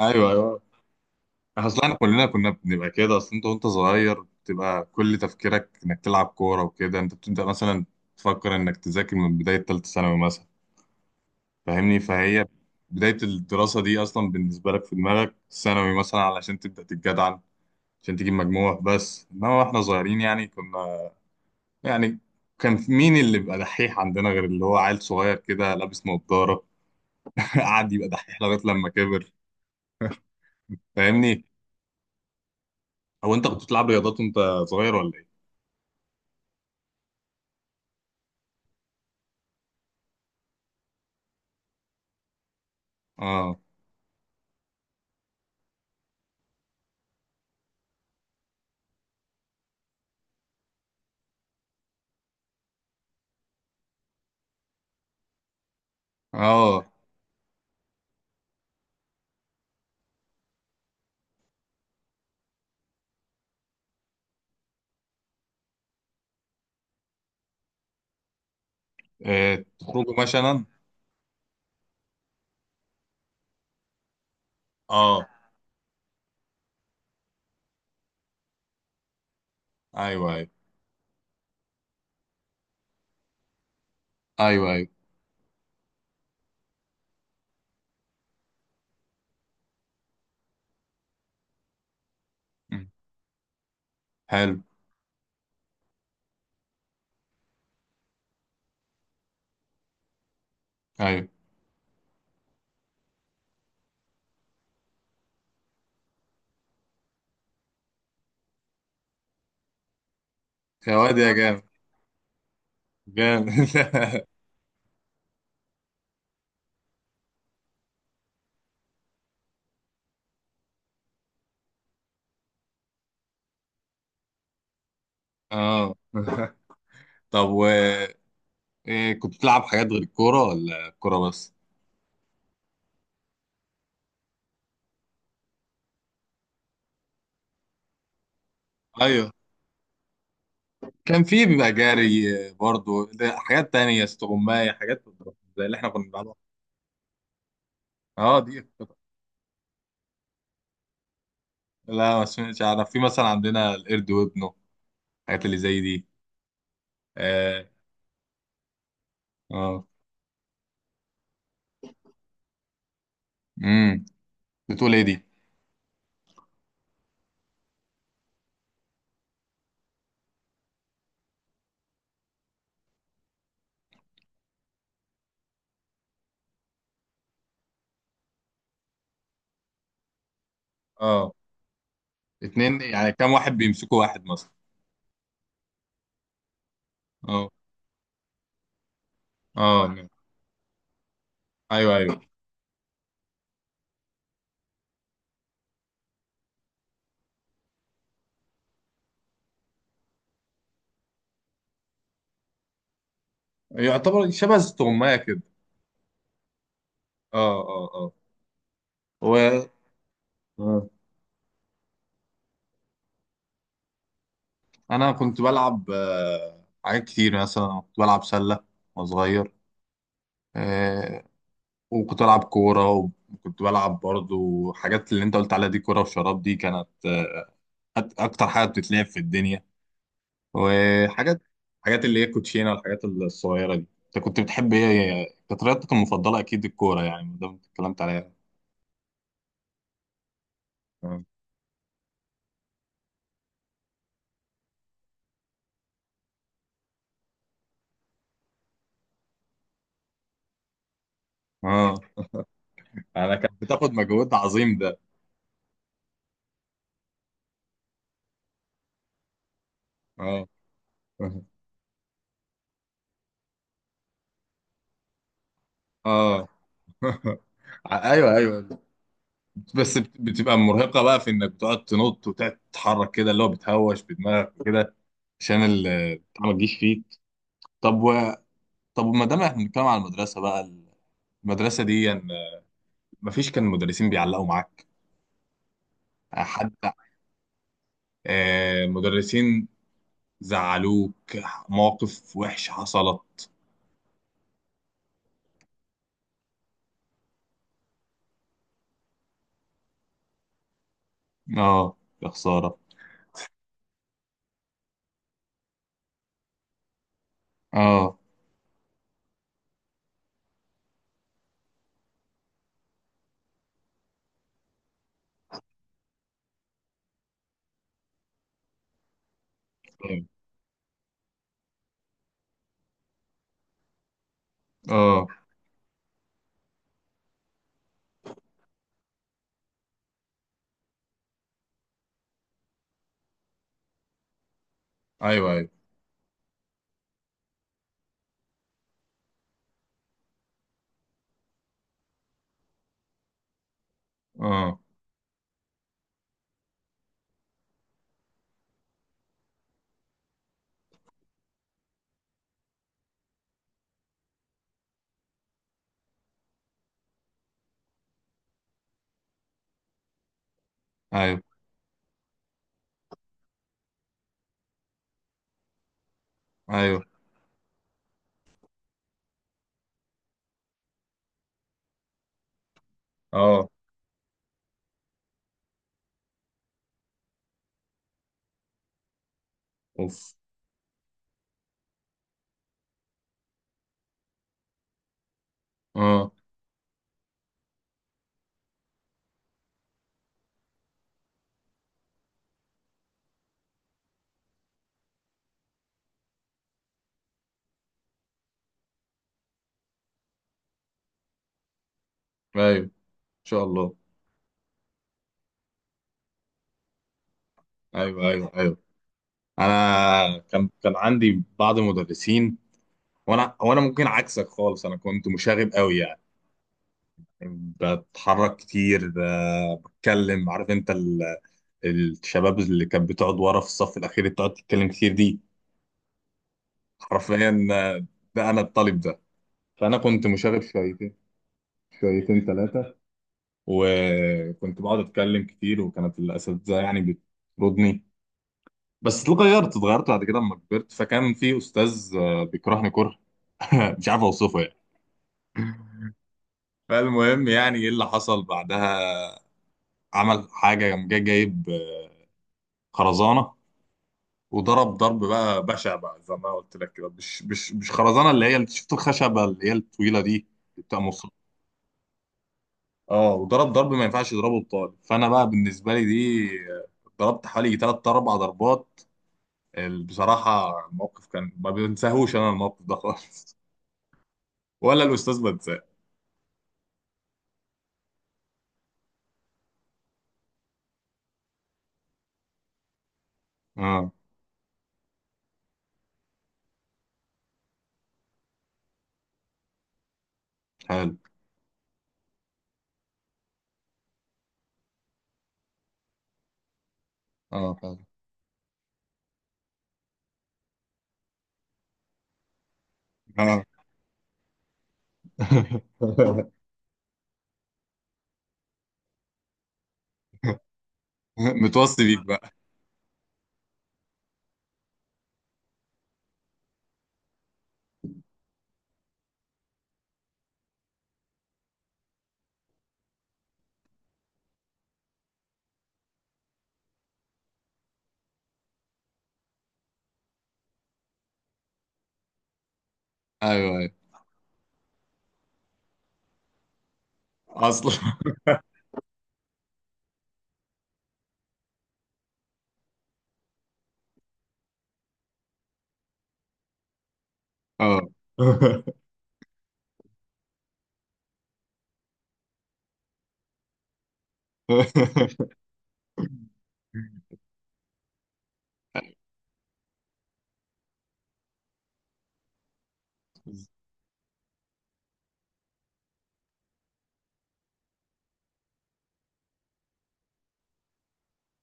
ايوه، ايوه. اصل احنا كلنا كنا بنبقى كده. اصل انت وانت صغير بتبقى كل تفكيرك انك تلعب كوره وكده. انت بتبدا مثلا تفكر انك تذاكر من بدايه ثالثه ثانوي مثلا. فاهمني؟ فهي بدايه الدراسه دي اصلا بالنسبه لك في دماغك ثانوي مثلا علشان تبدا تتجدعن، عشان تجيب مجموع. بس انما احنا صغيرين يعني كنا يعني مين اللي بيبقى دحيح عندنا غير اللي هو عيل صغير كده لابس نظاره؟ قعد يبقى دحيح لغايه لما كبر. فاهمني؟ هو انت كنت بتلعب رياضات وانت صغير ولا ايه؟ اه. اه. إيه، تخرجوا مثلا. اه. ايوه، ايوه، ايوه، ايوه. م. حلو. ايوه، يا واد يا جامد. جامد. اه. طب و. إيه، كنت بتلعب حاجات غير الكوره ولا الكوره بس؟ ايوه. كان في بيبقى جري، برضو. ده حاجات تانية، استغماية، حاجات زي اللي احنا كنا بنلعبها. اه دي. لا ما سمعتش، اعرف في مثلا عندنا القرد وابنه، الحاجات اللي زي دي. اه. اه. امم بتقول ايه دي؟ اه. اتنين يعني؟ كام واحد بيمسكوا واحد مثلا؟ اه. اه نعم. ايوه، ايوه. يعتبر شبه استغماية كده. اه. اه. اه. و آه. انا كنت بلعب حاجات كتير، مثلا كنت بلعب سلة وانا صغير. آه، وكنت بلعب كورة. وكنت بلعب برضو حاجات اللي انت قلت عليها دي. كورة وشراب دي كانت اكتر حاجة بتتلعب في الدنيا. وحاجات، حاجات اللي هي كوتشينة، والحاجات الصغيرة دي. انت كنت بتحب ايه؟ كانت رياضتك المفضلة اكيد الكورة يعني، ده اللي اتكلمت عليها. اه. اه. انا كانت بتاخد مجهود عظيم ده. اه. اه. ايوه، ايوه. بس بتبقى مرهقه بقى في انك بتقعد تنط وتقعد تتحرك كده، اللي هو بتهوش بدماغك كده عشان البتاع ما تجيش فيك. طب و. طب ما دام احنا بنتكلم على المدرسه بقى، المدرسه دي يعني ما فيش كان مدرسين بيعلقوا معاك؟ حد مدرسين زعلوك؟ مواقف وحشه حصلت؟ اه. يا خساره. اه. اه. ايوه، أيوه. اه. ايوه، ايوه. اه. اوف. اه. ايوه، ان شاء الله. ايوه، ايوه، ايوه. انا كان عندي بعض المدرسين. وانا ممكن عكسك خالص، انا كنت مشاغب قوي يعني. بتحرك كتير، بتكلم. عارف انت الشباب اللي كانت بتقعد ورا في الصف الاخير اللي بتقعد تتكلم كتير دي؟ حرفيا ده انا الطالب ده. فانا كنت مشاغب شويتين، شويتين، ثلاثه. وكنت بقعد اتكلم كتير، وكانت الاساتذه يعني بتطردني. بس اتغيرت بعد كده لما كبرت. فكان في استاذ بيكرهني كره مش عارف اوصفه يعني. فالمهم، يعني ايه اللي حصل بعدها؟ عمل حاجه، قام جاي جايب خرزانه، وضرب ضرب بقى بشع بقى، زي ما قلت لك. كده مش خرزانه اللي هي اللي شفت الخشبه اللي هي الطويله دي اللي بتبقى اه. وضرب ضرب، ما ينفعش يضربه الطالب. فانا بقى بالنسبه لي دي ضربت حوالي 3 أو 4 ضربات. بصراحة الموقف كان ما بنساهوش، أنا الموقف ده خالص ولا الأستاذ بنساه. اه. حلو. اه، فعلا. اه. متوصي بيك بقى. أيوه، أيوه. أصلا. اه.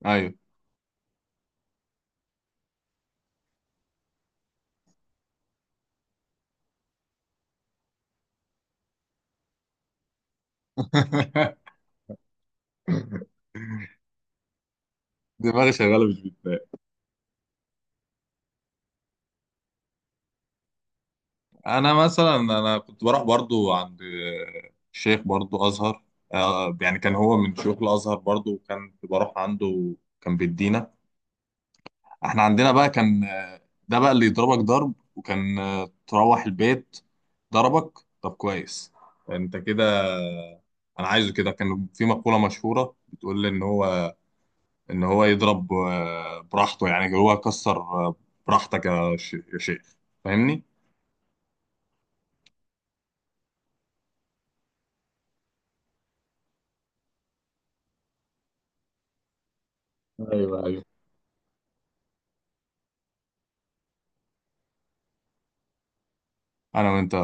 أيوه. دماغي شغالة، مش بتبقى. أنا مثلا، أنا كنت بروح برضو عند شيخ برضو أزهر. يعني كان هو من شيوخ الأزهر برضو، وكان بروح عنده. كان بيدينا. احنا عندنا بقى كان ده بقى اللي يضربك ضرب. وكان تروح البيت ضربك، طب كويس، انت كده. انا عايزه كده. كان في مقولة مشهورة بتقول ان هو يضرب براحته، يعني هو كسر براحتك يا يا شيخ. فاهمني؟ ايوه، ايوه. انا وانت